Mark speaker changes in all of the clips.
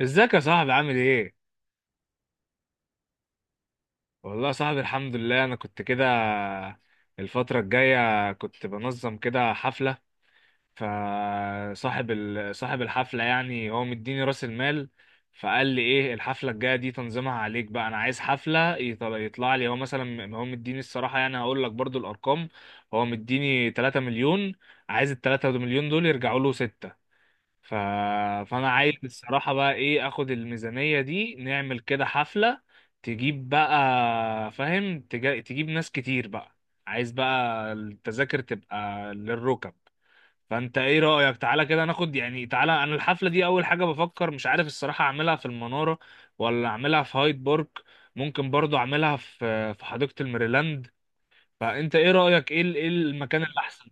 Speaker 1: ازيك يا صاحبي؟ عامل ايه؟ والله يا صاحبي الحمد لله، انا كنت كده الفترة الجاية كنت بنظم كده حفلة. صاحب الحفلة يعني هو مديني راس المال. فقال لي ايه الحفلة الجاية دي تنظيمها عليك بقى، انا عايز حفلة يطلع لي هو، مثلا هو مديني، الصراحة يعني هقول لك برضو الارقام. هو مديني 3 مليون، عايز ال 3 مليون دول يرجعوا له 6. ف... فانا عايز الصراحة بقى ايه اخد الميزانية دي نعمل كده حفلة. تجيب بقى، فاهم، تجيب ناس كتير بقى. عايز بقى التذاكر تبقى للركب. فانت ايه رأيك، تعالى كده ناخد، يعني تعالى، انا الحفلة دي اول حاجة بفكر مش عارف الصراحة اعملها في المنارة، ولا اعملها في هايد بارك، ممكن برضو اعملها في حديقة الميريلاند. فانت ايه رأيك، إيه المكان اللي احسن؟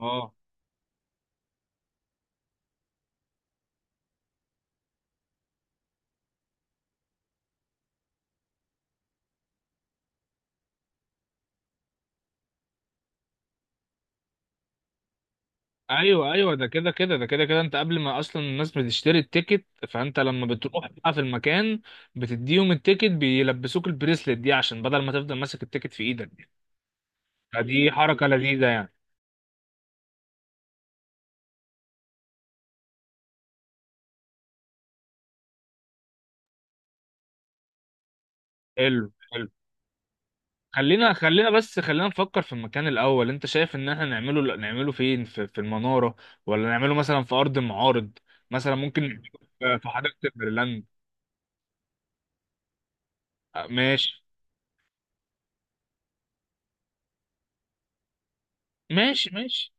Speaker 1: اه، ايوه ايوه، ده كده كده انت قبل ما اصلا الناس بتشتري التيكت، فانت لما بتروح بقى في المكان بتديهم التيكت بيلبسوك البريسلت دي عشان بدل ما تفضل ماسك التيكت في ايدك. فدي حركه لذيذه يعني. حلو حلو. خلينا بس خلينا نفكر في المكان الاول. انت شايف ان احنا نعمله فين، في المناره، ولا نعمله مثلا في ارض المعارض؟ مثلا ممكن نعمله في حديقه الميرلاند. آه، ماشي ماشي ماشي.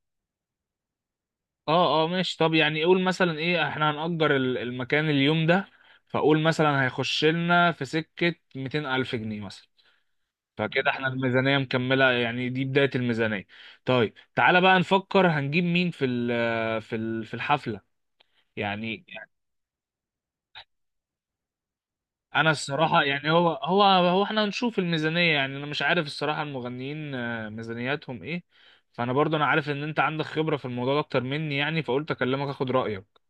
Speaker 1: اه اه ماشي. طب يعني قول مثلا ايه، احنا هنأجر المكان اليوم ده، فقول مثلا هيخش لنا في سكة 200 ألف جنيه مثلا. فكده احنا الميزانية مكملة يعني، دي بداية الميزانية. طيب تعالى بقى نفكر هنجيب مين في في الحفلة، يعني. انا الصراحة يعني هو هو هو احنا هنشوف الميزانية، يعني انا مش عارف الصراحة المغنيين ميزانياتهم ايه. فانا برضو انا عارف ان انت عندك خبرة في الموضوع ده اكتر مني يعني، فقلت اكلمك اخد رأيك.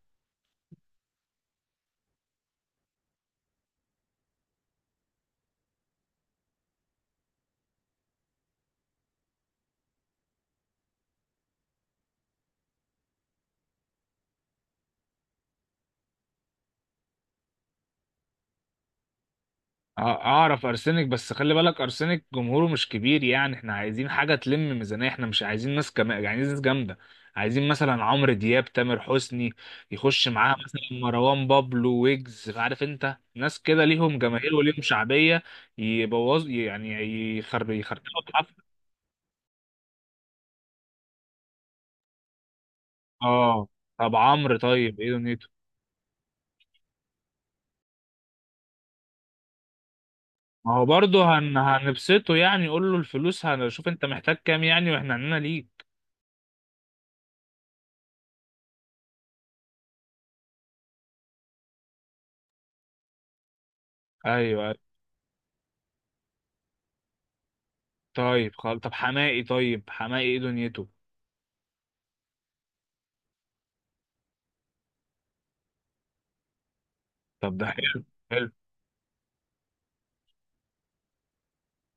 Speaker 1: اعرف ارسنك، بس خلي بالك ارسنك جمهوره مش كبير يعني، احنا عايزين حاجه تلم ميزانيه، احنا مش عايزين ناس عايزين ناس جامده. عايزين مثلا عمرو دياب، تامر حسني، يخش معاها مثلا مروان بابلو، ويجز، عارف، انت ناس كده ليهم جماهير وليهم شعبيه. يبوظ يعني، يخربوا الحفله. اه. طب عمرو، طيب ايه دنيته؟ ما هو برضه هنبسطه يعني، قول له الفلوس هنشوف انت محتاج كام يعني، واحنا عندنا ليك. ايوه أيوة. طيب خلاص، طب حماقي، طيب حماقي ايه دنيته؟ طب ده حلو. حلو.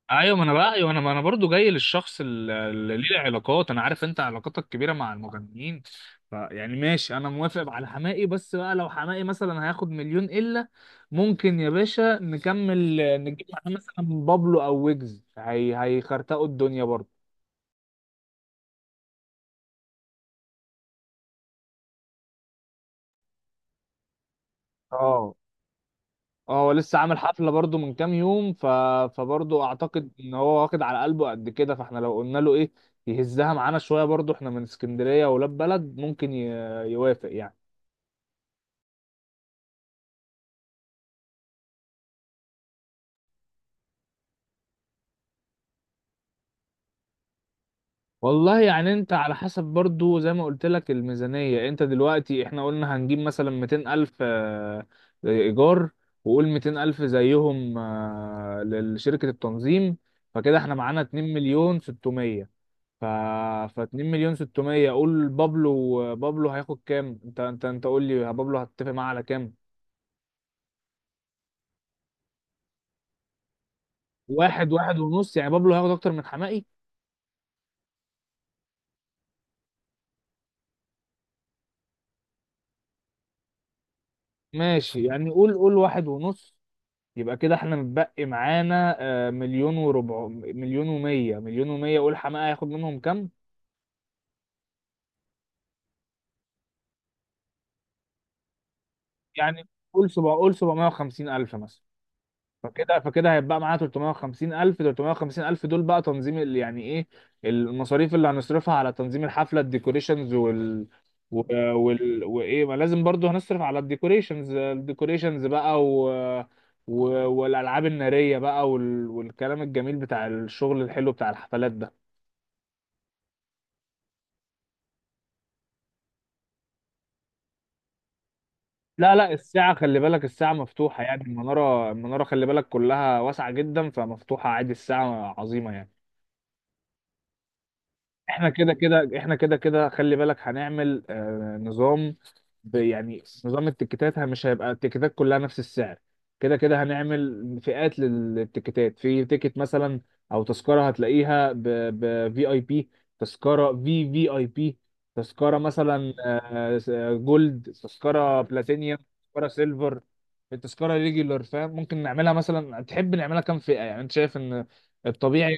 Speaker 1: ايوه، ما انا بقى ايوه، انا ما انا برضو جاي للشخص اللي ليه علاقات، انا عارف انت علاقاتك كبيره مع المغنيين. فيعني ماشي، انا موافق على حماقي، بس بقى لو حماقي مثلا هياخد مليون الا، ممكن يا باشا نكمل نجيب معاه مثلا بابلو او ويجز، هي هيخرتقوا الدنيا برضو. اه. اه هو لسه عامل حفلة برضو من كام يوم، فبرضو اعتقد ان هو واخد على قلبه قد كده، فاحنا لو قلنا له ايه يهزها معانا شوية برضو، احنا من اسكندرية ولاد بلد، ممكن يوافق يعني. والله يعني انت على حسب برضو زي ما قلت لك الميزانية. انت دلوقتي احنا قلنا هنجيب مثلا 200 الف ايجار، وقول 200 الف زيهم لشركة التنظيم. فكده احنا معانا 2 مليون 600. ف ف 2 مليون 600، قول بابلو، بابلو هياخد كام، انت قول لي بابلو هتتفق معاه على كام. واحد، واحد ونص، يعني بابلو هياخد اكتر من حمائي. ماشي، يعني قول قول واحد ونص، يبقى كده احنا متبقي معانا مليون وربع، مليون ومية، مليون ومية، قول حمائي هياخد منهم كام. يعني قول سبع، قول 750 ألف مثلا. فكده هيبقى معانا 350 ألف. 350 ألف دول بقى تنظيم يعني إيه، المصاريف اللي هنصرفها على تنظيم الحفلة، الديكوريشنز و- وال وإيه، ما لازم برضو هنصرف على الديكوريشنز، الديكوريشنز بقى و... والألعاب النارية بقى والكلام الجميل بتاع الشغل الحلو بتاع الحفلات ده. لا لا الساعة، خلي بالك الساعة مفتوحة يعني، المنارة، المنارة خلي بالك كلها واسعة جدا، فمفتوحة عادي، الساعة عظيمة يعني. احنا كده كده خلي بالك هنعمل نظام، يعني نظام التيكيتات مش هيبقى التيكيتات كلها نفس السعر. كده كده هنعمل فئات للتيكيتات. في تيكت مثلا او تذكرة هتلاقيها ب في اي بي، تذكرة في في اي بي، تذكرة مثلا جولد، تذكرة بلاتينيوم، تذكرة سيلفر، التذكرة ريجولار، فاهم. ممكن نعملها مثلا، تحب نعملها كام فئة يعني، انت شايف ان الطبيعي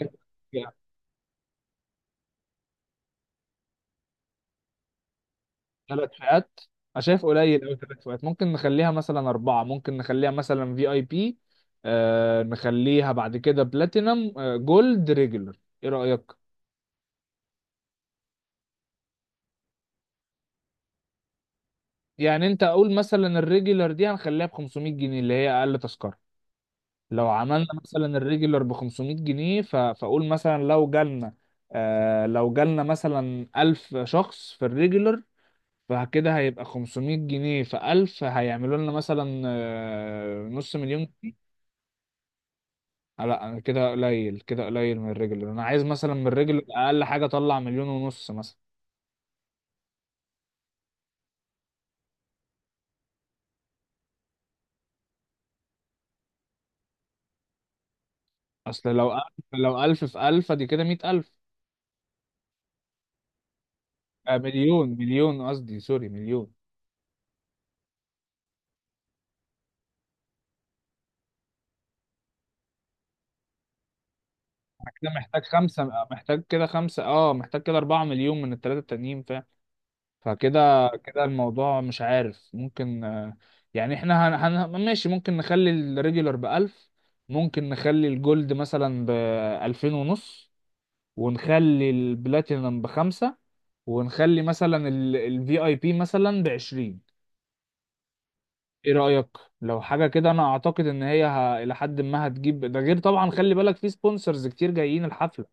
Speaker 1: ثلاث فئات. انا شايف قليل قوي ثلاث فئات، ممكن نخليها مثلا اربعه، ممكن نخليها مثلا في اي بي، آه نخليها بعد كده بلاتينم، آه جولد، ريجولر، ايه رايك. يعني انت اقول مثلا الريجولر دي هنخليها ب 500 جنيه، اللي هي اقل تذكره. لو عملنا مثلا الريجولر ب 500 جنيه فاقول مثلا لو جالنا، لو جالنا مثلا 1000 شخص في الريجولر، فكده هيبقى 500 جنيه في 1000، هيعملوا لنا مثلا نص مليون. لا انا كده قليل، كده قليل من الرجل، انا عايز مثلا من الرجل اقل حاجه اطلع مليون ونص مثلا. اصل لو ألف، لو ألف في ألف دي كده مئة ألف. مليون، مليون قصدي، سوري، مليون. أنا كده محتاج خمسة، محتاج كده خمسة، اه محتاج كده أربعة مليون من التلاتة التانيين فاهم. فكده الموضوع مش عارف ممكن، يعني احنا ماشي ممكن نخلي الريجولر بألف، ممكن نخلي الجولد مثلا بألفين ونص، ونخلي البلاتينم بخمسة، ونخلي مثلا الفي اي بي مثلا بعشرين. ايه رأيك؟ لو حاجة كده انا اعتقد ان هي الى حد ما هتجيب، ده غير طبعا خلي بالك في سبونسرز كتير جايين الحفلة.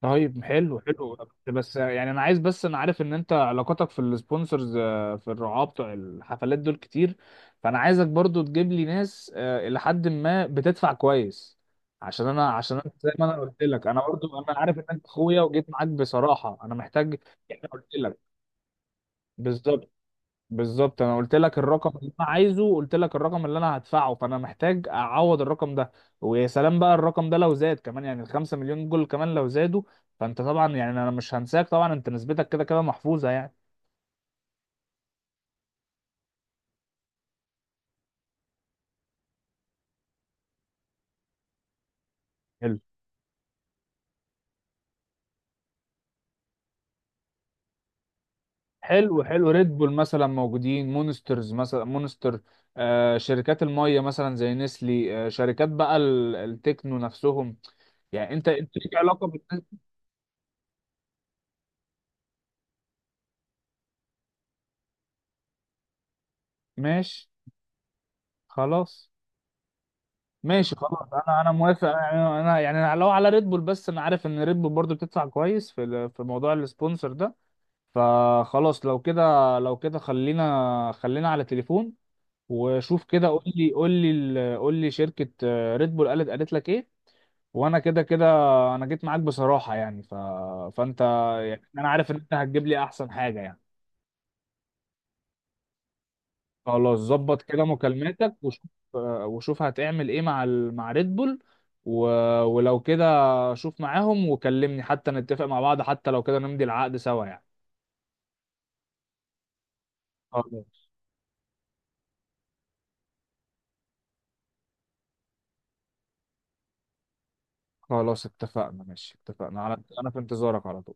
Speaker 1: طيب حلو حلو. بس يعني انا عايز، بس انا عارف ان انت علاقاتك في السبونسرز في الرعاة بتوع الحفلات دول كتير، فانا عايزك برضو تجيب لي ناس الى حد ما بتدفع كويس، عشان انا زي ما انا قلت لك، انا برضو انا عارف ان انت اخويا، وجيت معاك بصراحة انا محتاج. يعني أنا قلت لك بالظبط. بالظبط انا قلت لك الرقم اللي انا عايزه، قلت لك الرقم اللي انا هدفعه، فانا محتاج اعوض الرقم ده، ويا سلام بقى الرقم ده لو زاد كمان، يعني الخمسة مليون دول كمان لو زادوا. فانت طبعا يعني انا مش هنساك طبعا، انت نسبتك كده كده محفوظة يعني. حلو حلو. حلو، ريد بول مثلا موجودين، مونسترز مثلا، مونستر، آه شركات المية مثلا زي نسلي، آه شركات بقى التكنو نفسهم يعني، انت ليك علاقة بال. ماشي. خلاص ماشي خلاص، انا انا موافق، يعني أنا لو على ريد بول، بس انا عارف ان ريد بول برضو بتدفع كويس في في موضوع السبونسر ده. فخلاص لو كده، لو كده خلينا، خلينا على تليفون، وشوف كده، قول لي، قول لي شركة ريد بول قالت، قالت لك ايه. وانا كده كده انا جيت معاك بصراحة يعني، فانت يعني، انا عارف ان انت هتجيب لي احسن حاجة يعني. خلاص ظبط كده مكالماتك وشوف، وشوف هتعمل ايه مع مع ريد بول. و... ولو كده شوف معاهم وكلمني حتى نتفق مع بعض، حتى لو كده نمضي العقد سوا يعني. خلاص خلاص اتفقنا، ماشي اتفقنا، على انا في انتظارك على طول.